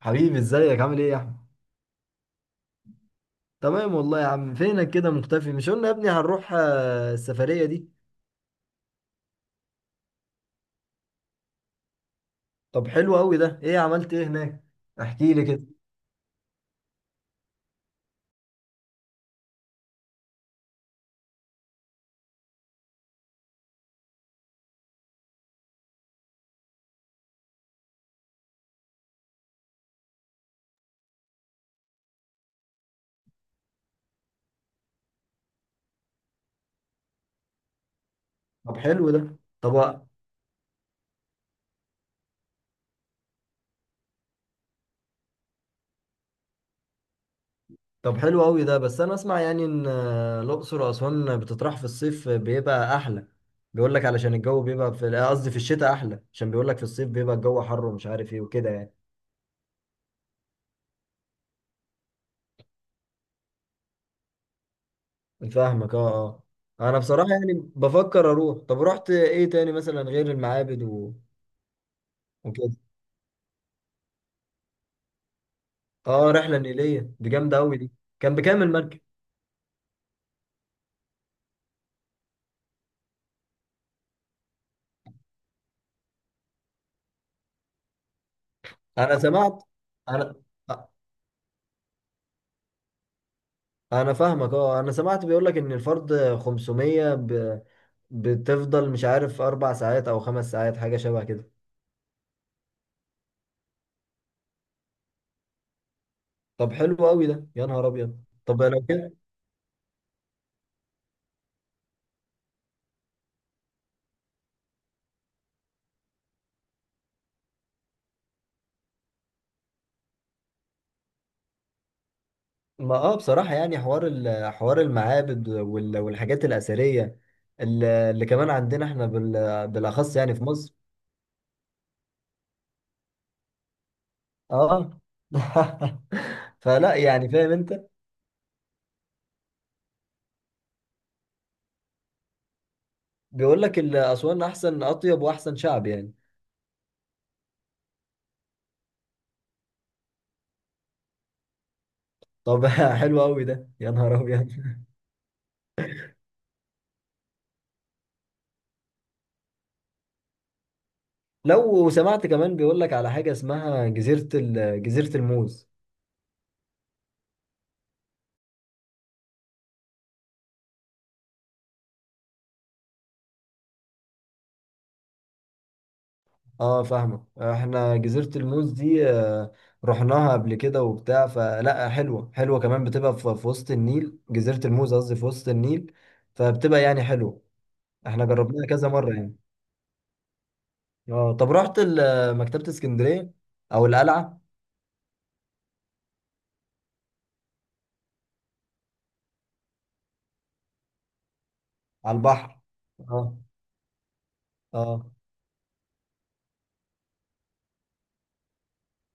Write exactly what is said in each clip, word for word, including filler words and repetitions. حبيبي ازيك عامل ايه يا احمد؟ تمام والله يا عم. فينك كده مختفي؟ مش قلنا يا ابني هنروح آه، السفرية دي. طب حلو قوي ده. ايه عملت ايه هناك؟ احكي لي كده. طب حلو ده. طب طب حلو قوي ده. بس انا اسمع يعني ان آه، الاقصر واسوان بتطرح في الصيف بيبقى احلى. بيقول لك علشان الجو بيبقى في آه، قصدي في الشتاء احلى، عشان بيقول لك في الصيف بيبقى الجو حر ومش عارف ايه وكده يعني. فاهمك، اه. اه انا بصراحة يعني بفكر اروح. طب رحت ايه تاني مثلا غير المعابد و... وكده؟ اه، رحله نيليه دي جامده قوي دي. كان بكام المركب؟ انا سمعت. انا انا فاهمك، اه. انا سمعت بيقول لك ان الفرد خمسمية ب... بتفضل مش عارف اربع ساعات او خمس ساعات، حاجه شبه كده. طب حلو قوي ده، يا نهار ابيض. طب لو كده، ما اه بصراحه يعني حوار ال... حوار المعابد وال... والحاجات الاثريه اللي, اللي كمان عندنا احنا بال... بالاخص يعني في مصر. اه. فلا يعني فاهم انت. بيقول لك ال- أسوان أحسن، أطيب وأحسن شعب يعني. طب حلو أوي ده، يا نهار أبيض. لو سمعت كمان بيقول لك على حاجة اسمها جزيرة ال- جزيرة الموز. اه فاهمة، احنا جزيرة الموز دي آه، رحناها قبل كده وبتاع. فلا حلوة، حلوة كمان. بتبقى في في وسط النيل، جزيرة الموز قصدي في وسط النيل، فبتبقى يعني حلوة. احنا جربناها كذا مرة يعني. اه، طب رحت ال- مكتبة اسكندرية أو القلعة؟ على البحر. اه. اه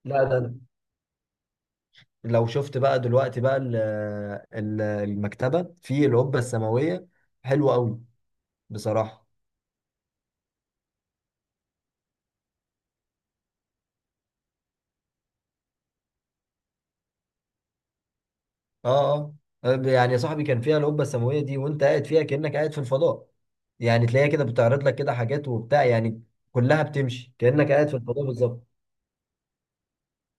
لا ده، لو شفت بقى دلوقتي بقى ال- ال- المكتبة في القبة السماوية، حلوة قوي بصراحة. اه. اه، طيب يعني يا صاحبي كان فيها القبة السماوية دي، وانت قاعد فيها كأنك قاعد في الفضاء. يعني تلاقيها كده بتعرض لك كده حاجات وبتاع يعني، كلها بتمشي كأنك قاعد في الفضاء بالظبط.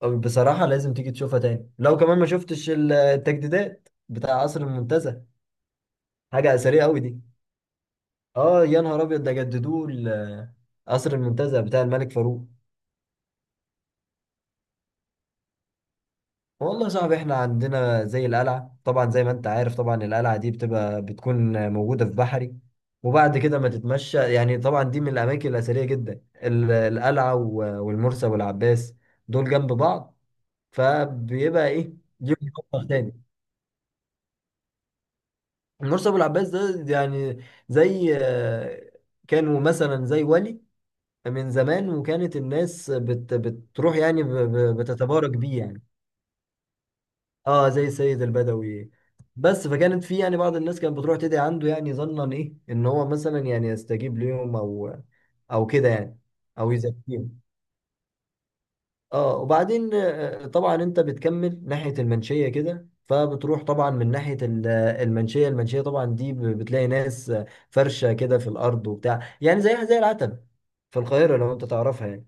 بصراحة لازم تيجي تشوفها تاني. لو كمان ما شفتش ال- التجديدات بتاع قصر المنتزه، حاجة أثرية قوي دي. اه يا نهار أبيض، ده جددوه ال- قصر المنتزه بتاع الملك فاروق. والله يا صاحبي احنا عندنا زي القلعة طبعا، زي ما انت عارف. طبعا القلعة دي بتبقى بتكون موجودة في بحري، وبعد كده ما تتمشى يعني. طبعا دي من الأماكن الأثرية جدا، ال- القلعة و- والمرسى والعباس، دول جنب بعض، فبيبقى ايه ليهم مطبخ تاني. المرسى والعباس ده يعني زي آه، كانوا مثلا زي ولي من زمان، وكانت الناس بت بتروح يعني ب- ب- بتتبارك بيه يعني. اه زي السيد البدوي. بس فكانت في يعني بعض الناس كانت بتروح تدعي عنده، يعني ظنا ايه ان هو مثلا يعني يستجيب ليهم او او كده يعني، او يزكيهم. اه وبعدين آه، طبعا انت بتكمل ناحية المنشية كده، فبتروح طبعا من ناحية ال- المنشية. المنشية طبعا دي ب- بتلاقي ناس آه، فرشة كده في الأرض وبتاع يعني، زيها زي العتبة في القاهرة لو انت تعرفها يعني.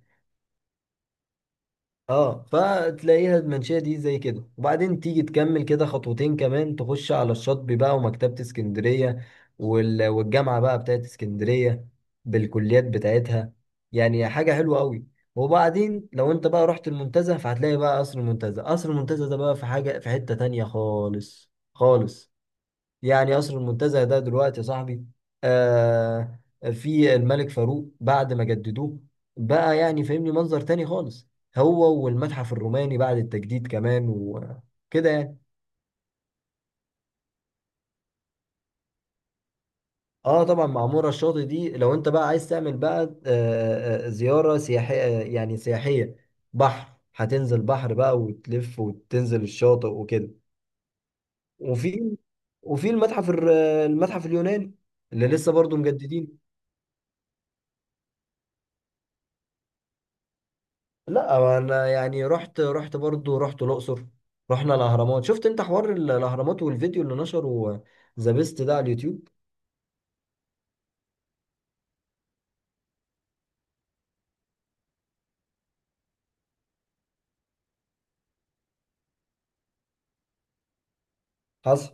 اه فتلاقيها المنشأة دي زي كده، وبعدين تيجي تكمل كده خطوتين كمان، تخش على الشاطبي بقى ومكتبة اسكندرية وال- والجامعة بقى بتاعت اسكندرية بالكليات بتاعتها، يعني حاجة حلوة قوي. وبعدين لو انت بقى رحت المنتزه، فهتلاقي بقى قصر المنتزه. قصر المنتزه ده بقى في حاجة، في حتة تانية خالص خالص. يعني قصر المنتزه ده دلوقتي يا صاحبي، آه، في الملك فاروق بعد ما جددوه، بقى يعني فاهمني منظر تاني خالص، هو والمتحف الروماني بعد التجديد كمان وكده يعني. اه طبعا معمورة الشاطئ دي، لو انت بقى عايز تعمل بقى آه آه، آه، زيارة سياحية، يعني سياحية، بحر، هتنزل بحر بقى وتلف وتنزل الشاطئ وكده. وفي وفي المتحف الر- المتحف اليوناني اللي لسه برضه مجددين. لا انا يعني رحت رحت برضو رحت الاقصر. رحنا الاهرامات. شفت انت حوار ال- الاهرامات والفيديو اللي نشره ذا بيست ده على اليوتيوب؟ حصل.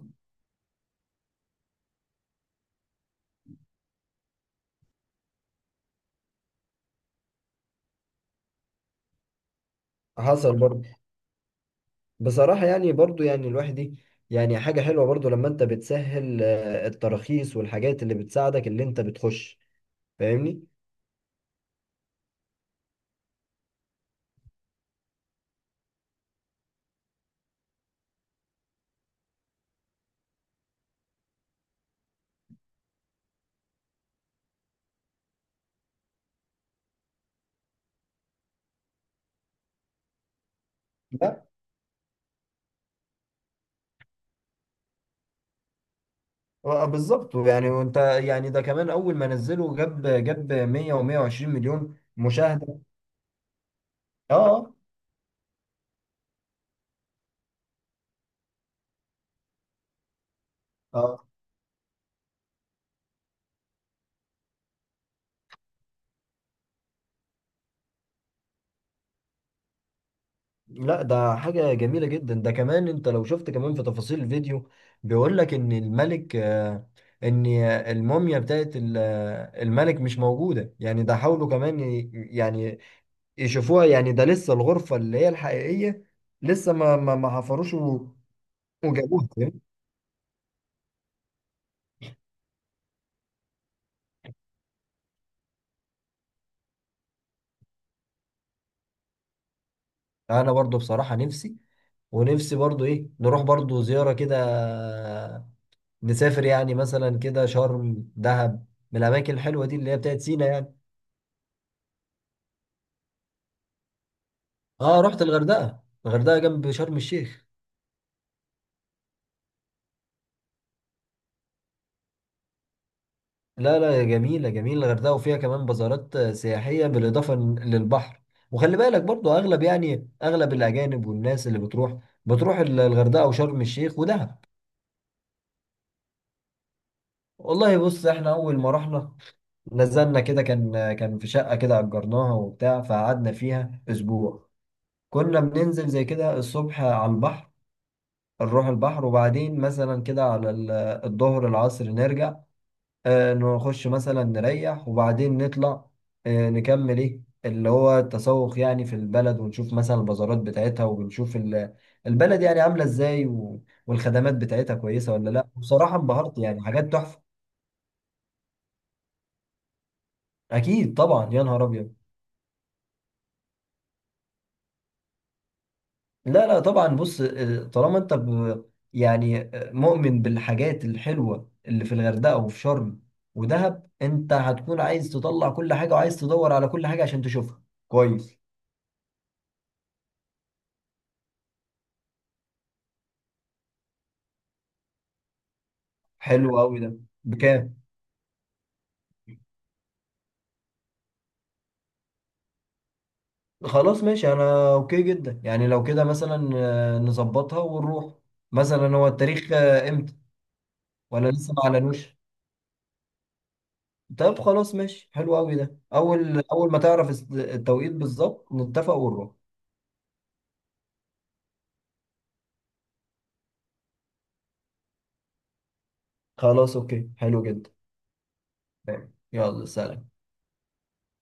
حصل برضو. بصراحه يعني برضو يعني الواحد دي، يعني حاجه حلوه برضو لما انت بتسهل آه، التراخيص والحاجات اللي بتساعدك اللي انت بتخش، فاهمني. لا آه، بالظبط يعني. وانت يعني ده كمان اول ما نزله جاب جاب مية و120 مليون مشاهده. اه. آه. لا ده حاجة جميلة جدا. ده كمان انت لو شفت كمان في تفاصيل الفيديو، بيقول لك ان الملك آه، ان الموميا بتاعت ال- آه، الملك مش موجودة يعني. ده حاولوا كمان ي- يعني يشوفوها يعني، ده لسه الغرفة اللي هي الحقيقية لسه ما ما ما حفروش و- وجابوها، فاهم؟ انا برضو بصراحة نفسي، ونفسي برضو ايه نروح برضو زيارة كده، آه، نسافر يعني مثلا كده شرم، دهب، من الاماكن الحلوة دي اللي هي بتاعت سينا يعني. اه رحت الغردقه، الغردقه جنب شرم الشيخ. لا لا جميله، جميله الغردقه، وفيها كمان بازارات آه، سياحيه بالاضافه إن- للبحر. وخلي بالك برضو اغلب يعني اغلب الاجانب والناس اللي بتروح، بتروح ال- الغردقه وشرم الشيخ ودهب. والله بص احنا اول ما رحنا، نزلنا كده كان آه، كان في شقه كده اجرناها وبتاع، فقعدنا فيها اسبوع. كنا بننزل زي كده الصبح على البحر، نروح البحر، وبعدين مثلا كده على ال- الظهر العصر نرجع، آه، نخش مثلا نريح، وبعدين نطلع آه، نكمل ايه اللي هو التسوق يعني في البلد، ونشوف مثلا البازارات بتاعتها، وبنشوف ال- البلد يعني عاملة ازاي و- والخدمات بتاعتها كويسة ولا لا. بصراحة انبهرت يعني، حاجات تحفة. اكيد طبعا يا نهار ابيض. لا لا طبعا بص، آه، طالما انت ب- يعني آه، مؤمن بالحاجات الحلوة اللي في الغردقة وفي شرم ودهب، انت هتكون عايز تطلع كل حاجة وعايز تدور على كل حاجة عشان تشوفها كويس. حلو قوي ده. بكام؟ خلاص ماشي انا اوكي جدا يعني. لو كده مثلا آه، نظبطها ونروح. مثلا هو التاريخ آه، امتى؟ ولا لسه ما اعلنوش؟ طب خلاص ماشي، حلو قوي ده. اول اول ما تعرف الس- التوقيت بالظبط نتفق ونروح. خلاص اوكي، حلو جدا. تمام. يلا سلام.